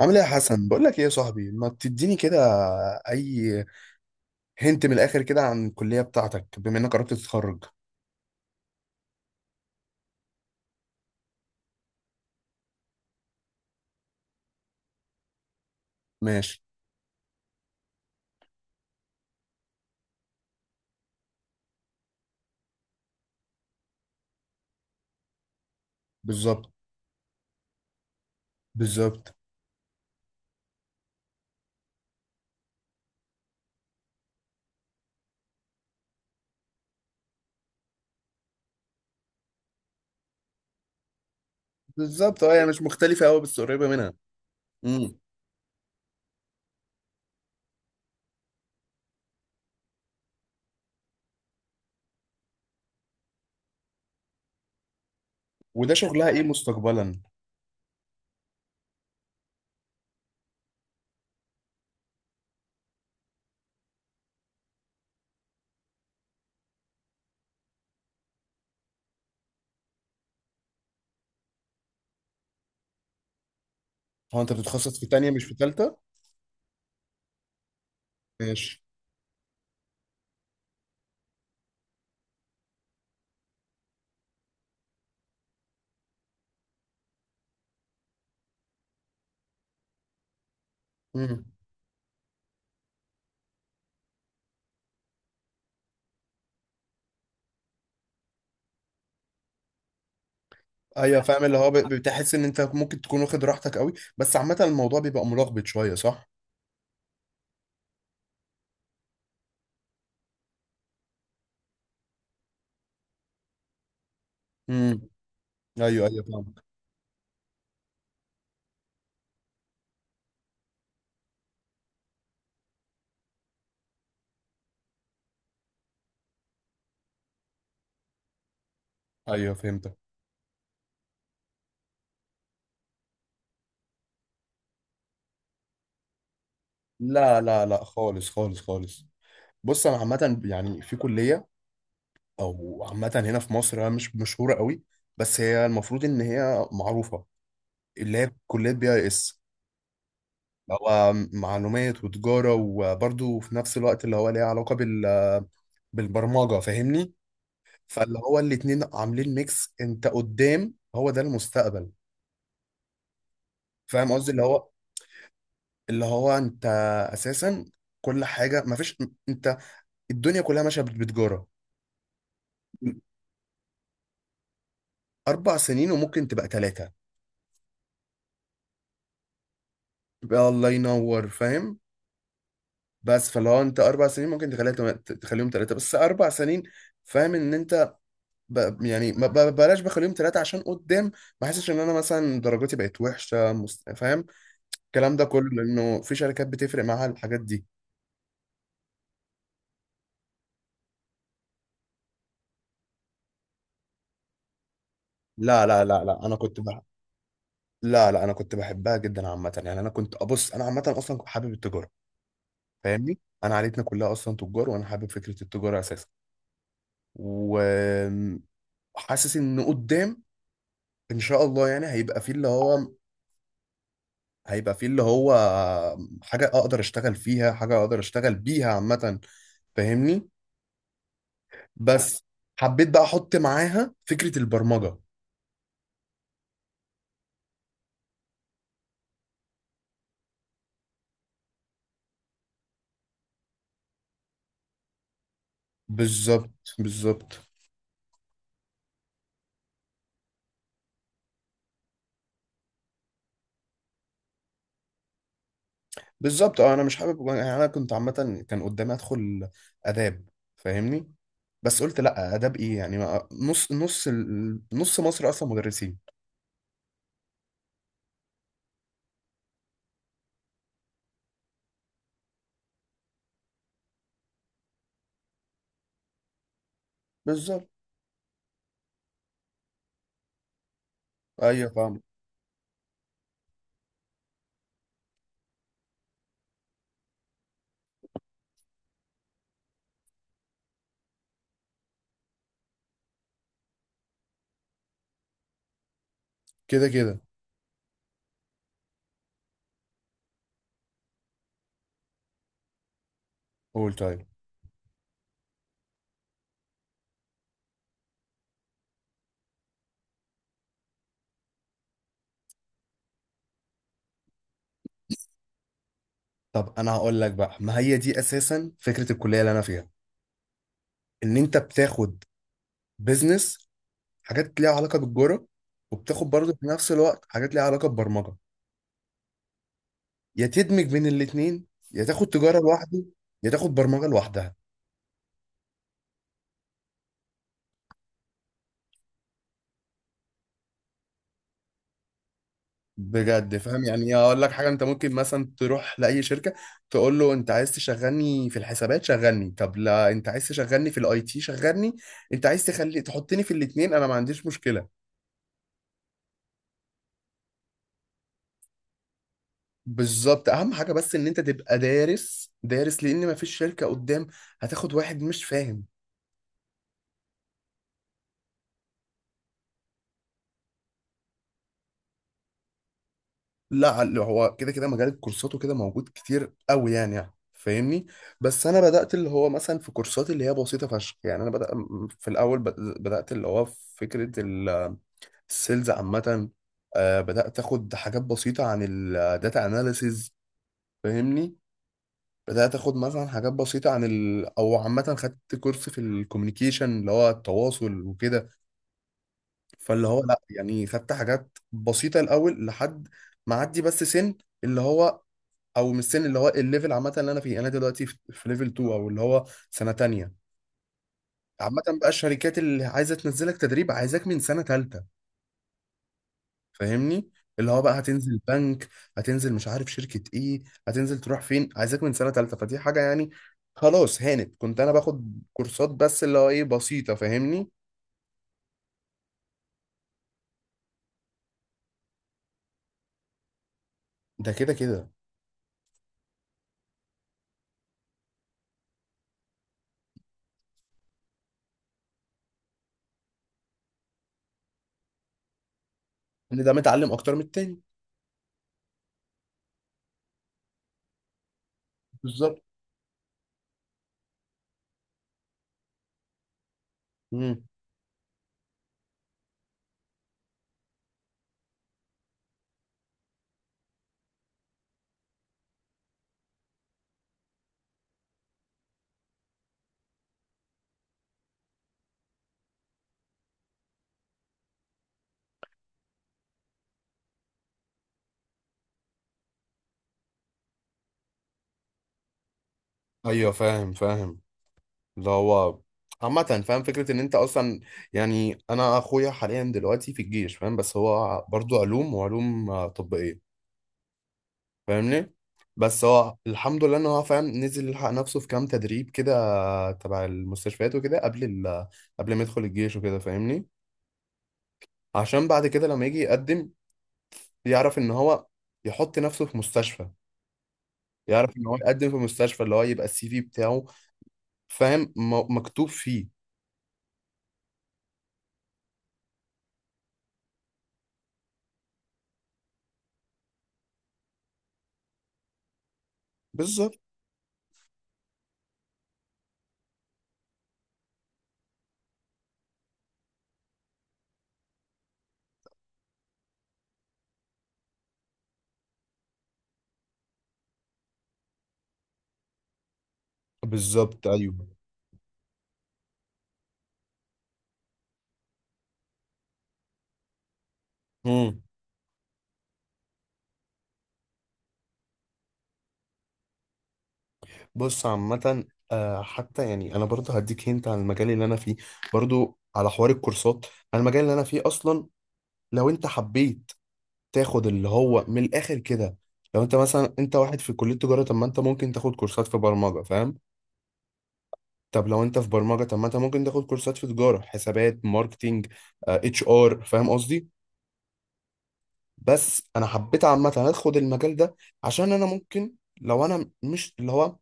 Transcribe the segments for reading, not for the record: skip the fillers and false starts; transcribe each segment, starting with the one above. عامل ايه يا حسن، بقول لك ايه يا صاحبي، ما تديني كده. اي. هنت من الاخر كده عن الكليه بتاعتك بما انك قربت تتخرج. ماشي. بالظبط. بالظبط. بالظبط، اه هي مش مختلفه قوي بس قريبه منها. امم. وده شغلها ايه مستقبلا؟ هو انت بتتخصص في تانية مش في تالتة؟ ماشي. امم. ايوه فاهم، اللي هو بتحس ان انت ممكن تكون واخد راحتك قوي، بس عامه الموضوع بيبقى ملخبط شويه صح؟ امم. ايوه ايوه فاهمك. ايوه فهمتك. لا لا لا خالص خالص خالص. بص انا عامه يعني في كليه، او عامه هنا في مصر هي مش مشهوره قوي، بس هي المفروض ان هي معروفه، اللي هي كليه بي اي اس، اللي هو معلومات وتجاره وبرده في نفس الوقت اللي هو ليها علاقه بالبرمجه، فاهمني؟ فاللي هو الاتنين عاملين ميكس، انت قدام هو ده المستقبل. فاهم قصدي؟ اللي هو، اللي هو انت اساسا كل حاجه مفيش، انت، الدنيا كلها ماشيه بتجاره. اربع سنين وممكن تبقى ثلاثه. يبقى الله ينور، فاهم؟ بس فلو انت اربع سنين ممكن تخليهم ثلاثه بس اربع سنين، فاهم ان انت ب... يعني ما ب... بلاش بخليهم ثلاثه عشان قدام ما احسش ان انا مثلا درجاتي بقت وحشه فاهم؟ الكلام ده كله لانه في شركات بتفرق معاها الحاجات دي. لا لا لا لا، لا لا انا كنت بحبها جدا عامه، يعني انا كنت ابص انا عامه اصلا كنت حابب التجاره، فاهمني؟ انا عائلتنا كلها اصلا تجار، وانا حابب فكره التجاره اساسا، وحاسس ان قدام ان شاء الله يعني هيبقى فيه اللي هو حاجة أقدر أشتغل فيها، حاجة أقدر أشتغل بيها عامة، فاهمني؟ بس حبيت بقى أحط معاها فكرة البرمجة. بالظبط. بالظبط. بالظبط أه، أنا مش حابب، يعني أنا كنت عامة كان قدامي أدخل آداب، فاهمني؟ بس قلت لأ، آداب إيه يعني، نص نص نص مصر أصلا مدرسين. بالظبط أيوه فاهم. كده كده. قول طيب. طب أنا هقول لك بقى، ما هي دي أساسا فكرة الكلية اللي أنا فيها، إن أنت بتاخد بيزنس، حاجات ليها علاقة بالجرة، وبتاخد برضه في نفس الوقت حاجات ليها علاقة ببرمجة. يا تدمج بين الاتنين، يا تاخد تجارة لوحده، يا تاخد برمجة لوحدها. بجد فاهم، يعني اقول لك حاجة، انت ممكن مثلا تروح لأي شركة تقول له انت عايز تشغلني في الحسابات شغلني، طب لا انت عايز تشغلني في الاي تي شغلني، انت عايز تخلي تحطني في الاتنين انا ما عنديش مشكلة. بالظبط، اهم حاجة بس ان انت تبقى دارس دارس، لان ما فيش شركة قدام هتاخد واحد مش فاهم. لا، اللي هو كده كده مجال الكورسات وكده موجود كتير قوي، يعني يعني فاهمني؟ بس انا بدات اللي هو مثلا في كورسات اللي هي بسيطه فشخ، يعني انا بدأ في الاول بدات اللي هو في فكره السيلز عامه. بدات اخد حاجات بسيطه عن الداتا اناليسز، فاهمني؟ بدات اخد مثلا حاجات بسيطه عن او عامه خدت كورس في الكوميونيكيشن اللي هو التواصل وكده. فاللي هو لا يعني خدت حاجات بسيطه الاول لحد ما عدي بس سن، اللي هو، او من السن اللي هو الليفل عامه اللي انا فيه، انا دلوقتي في ليفل 2، او اللي هو سنه تانية. عامه بقى الشركات اللي عايزه تنزلك تدريب عايزاك من سنه تالتة، فاهمني؟ اللي هو بقى هتنزل بنك، هتنزل مش عارف شركه ايه، هتنزل تروح فين، عايزاك من سنه تالتة، فدي حاجه يعني. خلاص هانت كنت انا باخد كورسات بس اللي هو ايه بسيطه، فاهمني؟ ده كده كده. ان ده متعلم اكتر من التاني. بالظبط. امم. ايوه فاهم فاهم، اللي هو عامة فاهم فكرة إن أنت أصلا، يعني أنا أخويا حاليا دلوقتي في الجيش فاهم، بس هو برضو علوم، وعلوم طبية، فاهمني؟ بس هو الحمد لله إن هو فاهم، نزل يلحق نفسه في كام تدريب كده تبع المستشفيات وكده قبل قبل ما يدخل الجيش وكده، فاهمني؟ عشان بعد كده لما يجي يقدم يعرف إن هو يحط نفسه في مستشفى، يعرف إن هو يقدم في مستشفى، اللي هو يبقى السي في بتاعه فاهم مكتوب فيه. بالظبط. بالظبط أيوه. مم. بص عامة، حتى يعني أنا برضه هديك هنت عن المجال اللي أنا فيه، برضه على حوار الكورسات. أنا المجال اللي أنا فيه أصلا، لو أنت حبيت تاخد اللي هو من الآخر كده، لو أنت مثلا أنت واحد في كلية تجارة، طب ما أنت ممكن تاخد كورسات في برمجة، فاهم؟ طب لو أنت في برمجة، طب ما أنت ممكن تاخد كورسات في تجارة، حسابات، ماركتينج، اتش ار، فاهم قصدي؟ بس انا حبيت عامه ادخل المجال ده عشان انا ممكن، لو انا مش اللي هو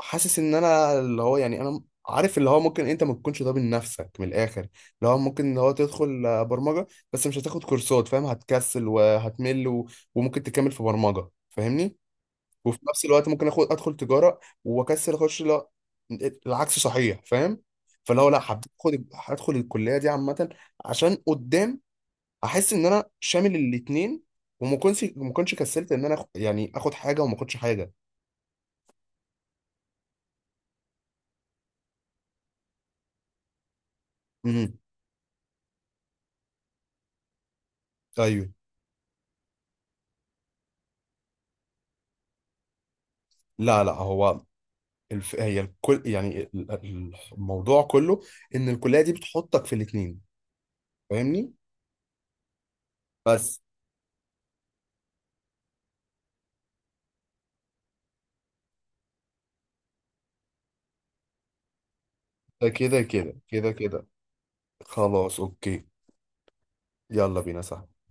حاسس ان انا اللي هو، يعني انا عارف اللي هو ممكن انت ما تكونش ده من نفسك، من الاخر اللي هو ممكن اللي هو تدخل برمجه بس مش هتاخد كورسات، فاهم؟ هتكسل وهتمل وممكن تكمل في برمجه، فاهمني؟ وفي نفس الوقت ممكن اخد ادخل تجاره واكسل اخش، لا العكس صحيح، فاهم؟ فاللي هو لا حبيت اخد هدخل الكليه دي عامه عشان قدام احس ان انا شامل الاتنين، وما كنتش ما كنتش كسلت ان انا يعني اخد حاجه وما اخدش حاجه. امم. ايوه. لا لا هو هي الكل يعني الموضوع كله ان الكليه دي بتحطك في الاتنين، فاهمني؟ بس. ده كده كده كده كده. خلاص اوكي. يلا بينا صح.